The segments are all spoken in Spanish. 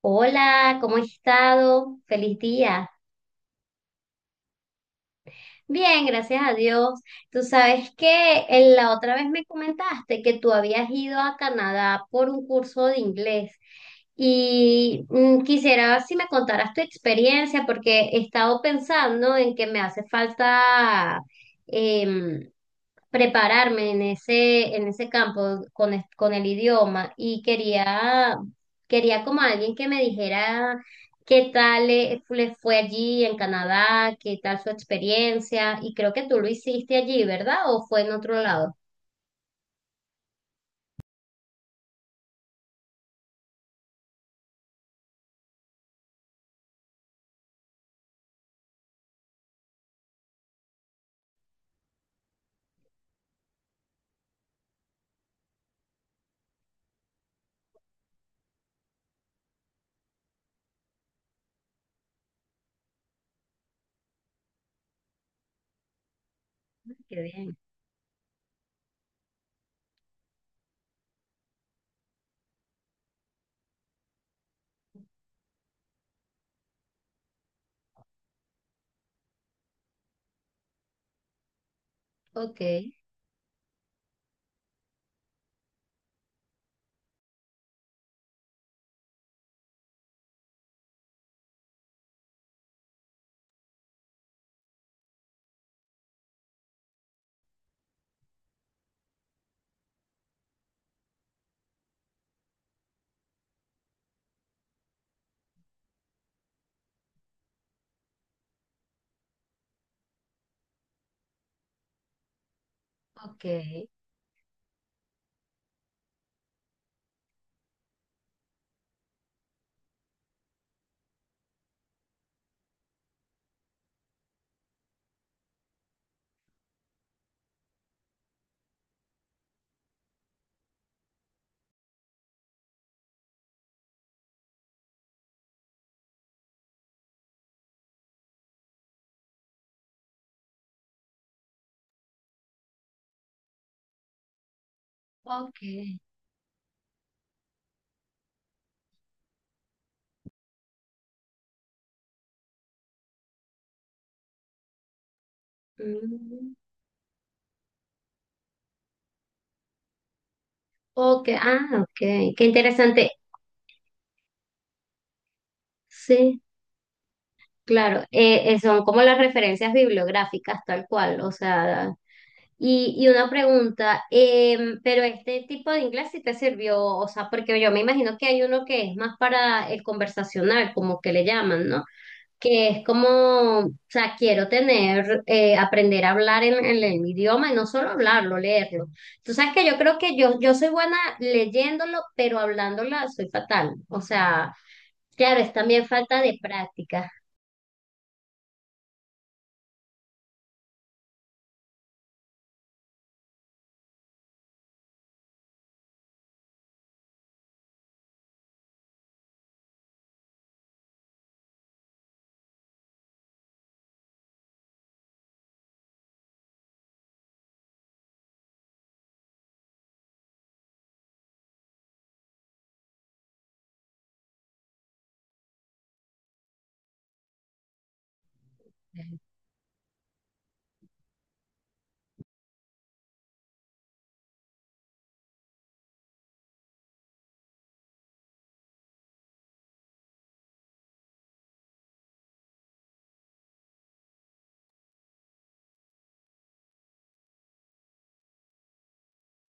Hola, ¿cómo has estado? Feliz día. Bien, gracias a Dios. Tú sabes que en la otra vez me comentaste que tú habías ido a Canadá por un curso de inglés y quisiera si me contaras tu experiencia porque he estado pensando en que me hace falta, em, prepararme en en ese campo con el idioma y quería como alguien que me dijera qué tal le fue allí en Canadá, qué tal su experiencia y creo que tú lo hiciste allí, ¿verdad? ¿O fue en otro lado? Qué bien. Ok, ok, ok. Mm, ok, ah, ok, qué interesante. Sí, claro, son como las referencias bibliográficas tal cual, o sea... Y una pregunta, pero este tipo de inglés sí te sirvió, o sea, porque yo me imagino que hay uno que es más para el conversacional, como que le llaman, ¿no? Que es como, o sea, quiero tener, aprender a hablar en el idioma y no solo hablarlo, leerlo. Tú sabes que yo creo que yo soy buena leyéndolo, pero hablándola soy fatal. O sea, claro, es también falta de práctica.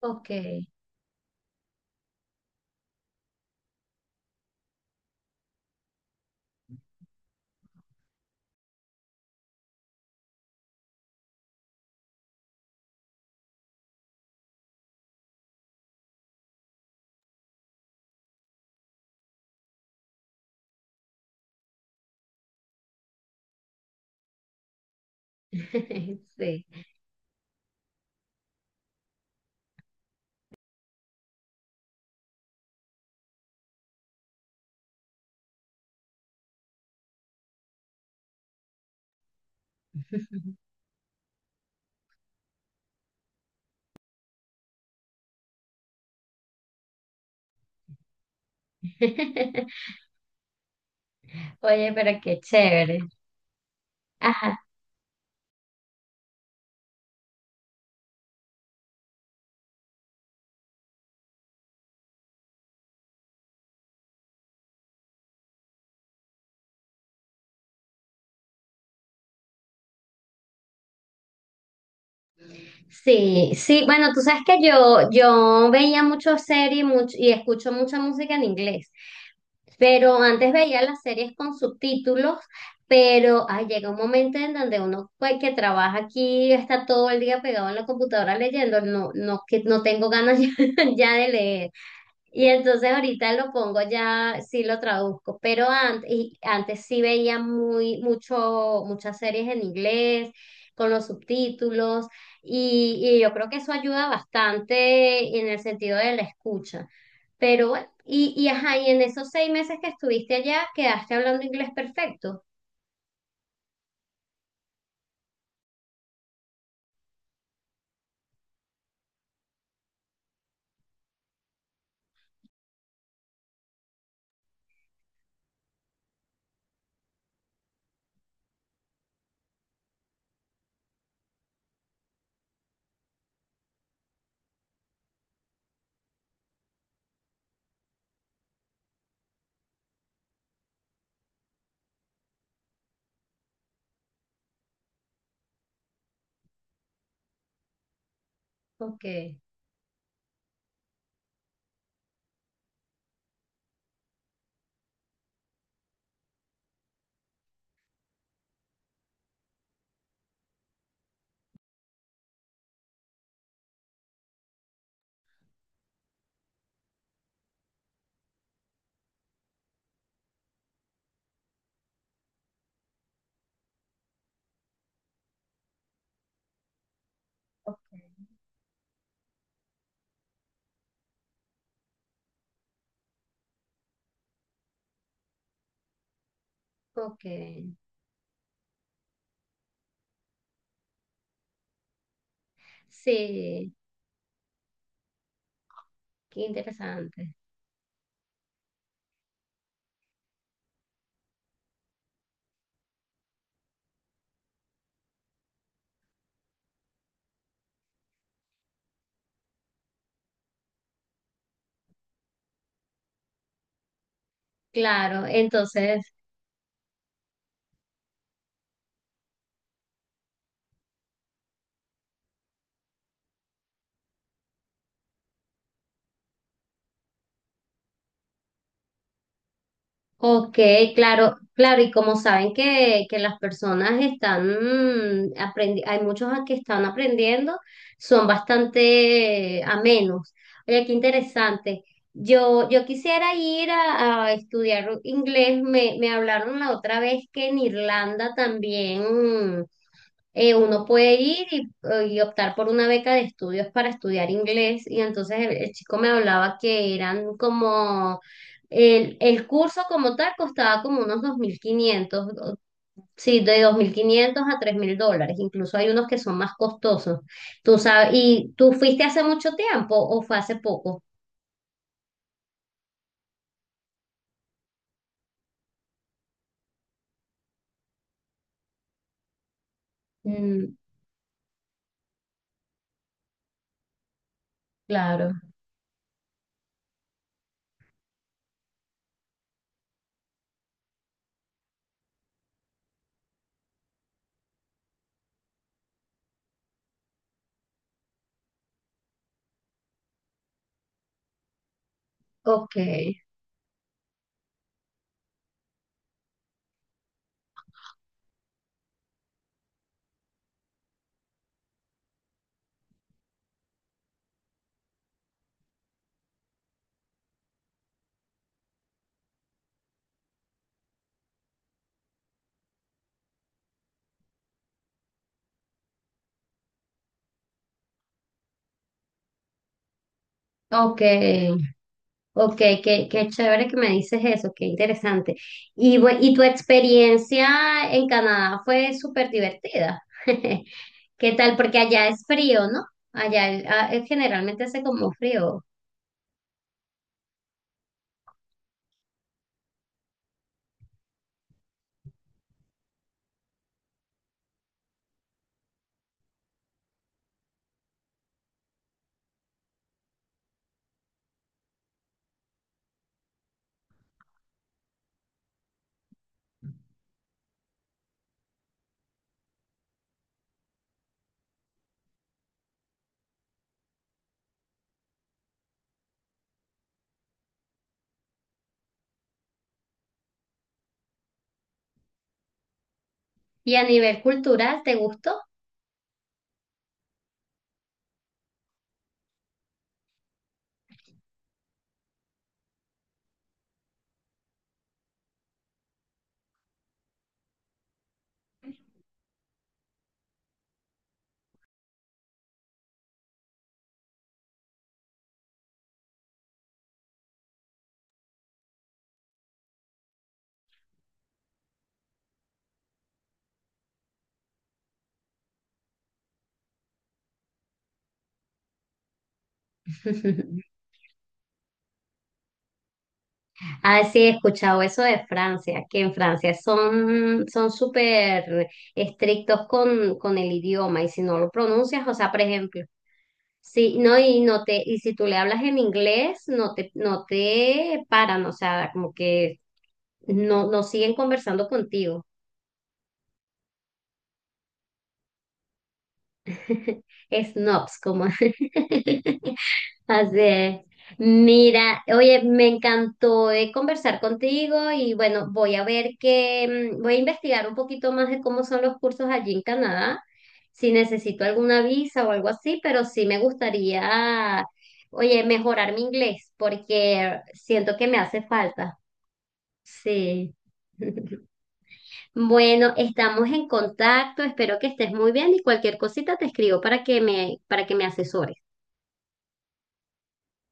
Ok, sí. Oye, pero qué chévere. Ajá. Sí, sí, bueno, tú sabes que yo veía y escucho mucha música en inglés, pero antes veía las series con subtítulos, pero ay, llega un momento en donde uno pues, que trabaja aquí está todo el día pegado en la computadora leyendo, que no tengo ganas ya, ya de leer. Y entonces ahorita lo pongo ya, sí lo traduzco, pero antes, y antes sí veía muchas series en inglés, con los subtítulos, y yo creo que eso ayuda bastante en el sentido de la escucha. Pero bueno, y ajá, y en esos 6 meses que estuviste allá, quedaste hablando inglés perfecto. Ok, ok. Sí, qué interesante. Claro, entonces. Ok, claro, claro, y como saben que las personas están hay muchos que están aprendiendo, son bastante amenos. Oye, qué interesante. Yo quisiera ir a estudiar inglés, me hablaron la otra vez que en Irlanda también uno puede ir y optar por una beca de estudios para estudiar inglés. Y entonces el chico me hablaba que eran como, el curso como tal costaba como unos 2.500, o- sí, de 2.500 a 3.000 dólares. Incluso hay unos que son más costosos. Tú sabes, ¿y tú fuiste hace mucho tiempo o fue hace poco? Mm, claro. Ok, ok. Ok, qué, qué chévere que me dices eso, qué interesante. Y y tu experiencia en Canadá fue súper divertida. ¿Qué tal? Porque allá es frío, ¿no? Generalmente hace como frío. ¿Y a nivel cultural, te gustó? Ah, sí, he escuchado eso de Francia, que en Francia son son súper estrictos con el idioma y si no lo pronuncias, o sea, por ejemplo. Sí, no, y si tú le hablas en inglés, no te paran, o sea, como que no siguen conversando contigo. Snobs, como. Así es. Mira, oye, me encantó conversar contigo y bueno, voy a ver que, voy a investigar un poquito más de cómo son los cursos allí en Canadá, si necesito alguna visa o algo así, pero sí me gustaría, oye, mejorar mi inglés porque siento que me hace falta. Sí. Bueno, estamos en contacto, espero que estés muy bien y cualquier cosita te escribo para que me asesores.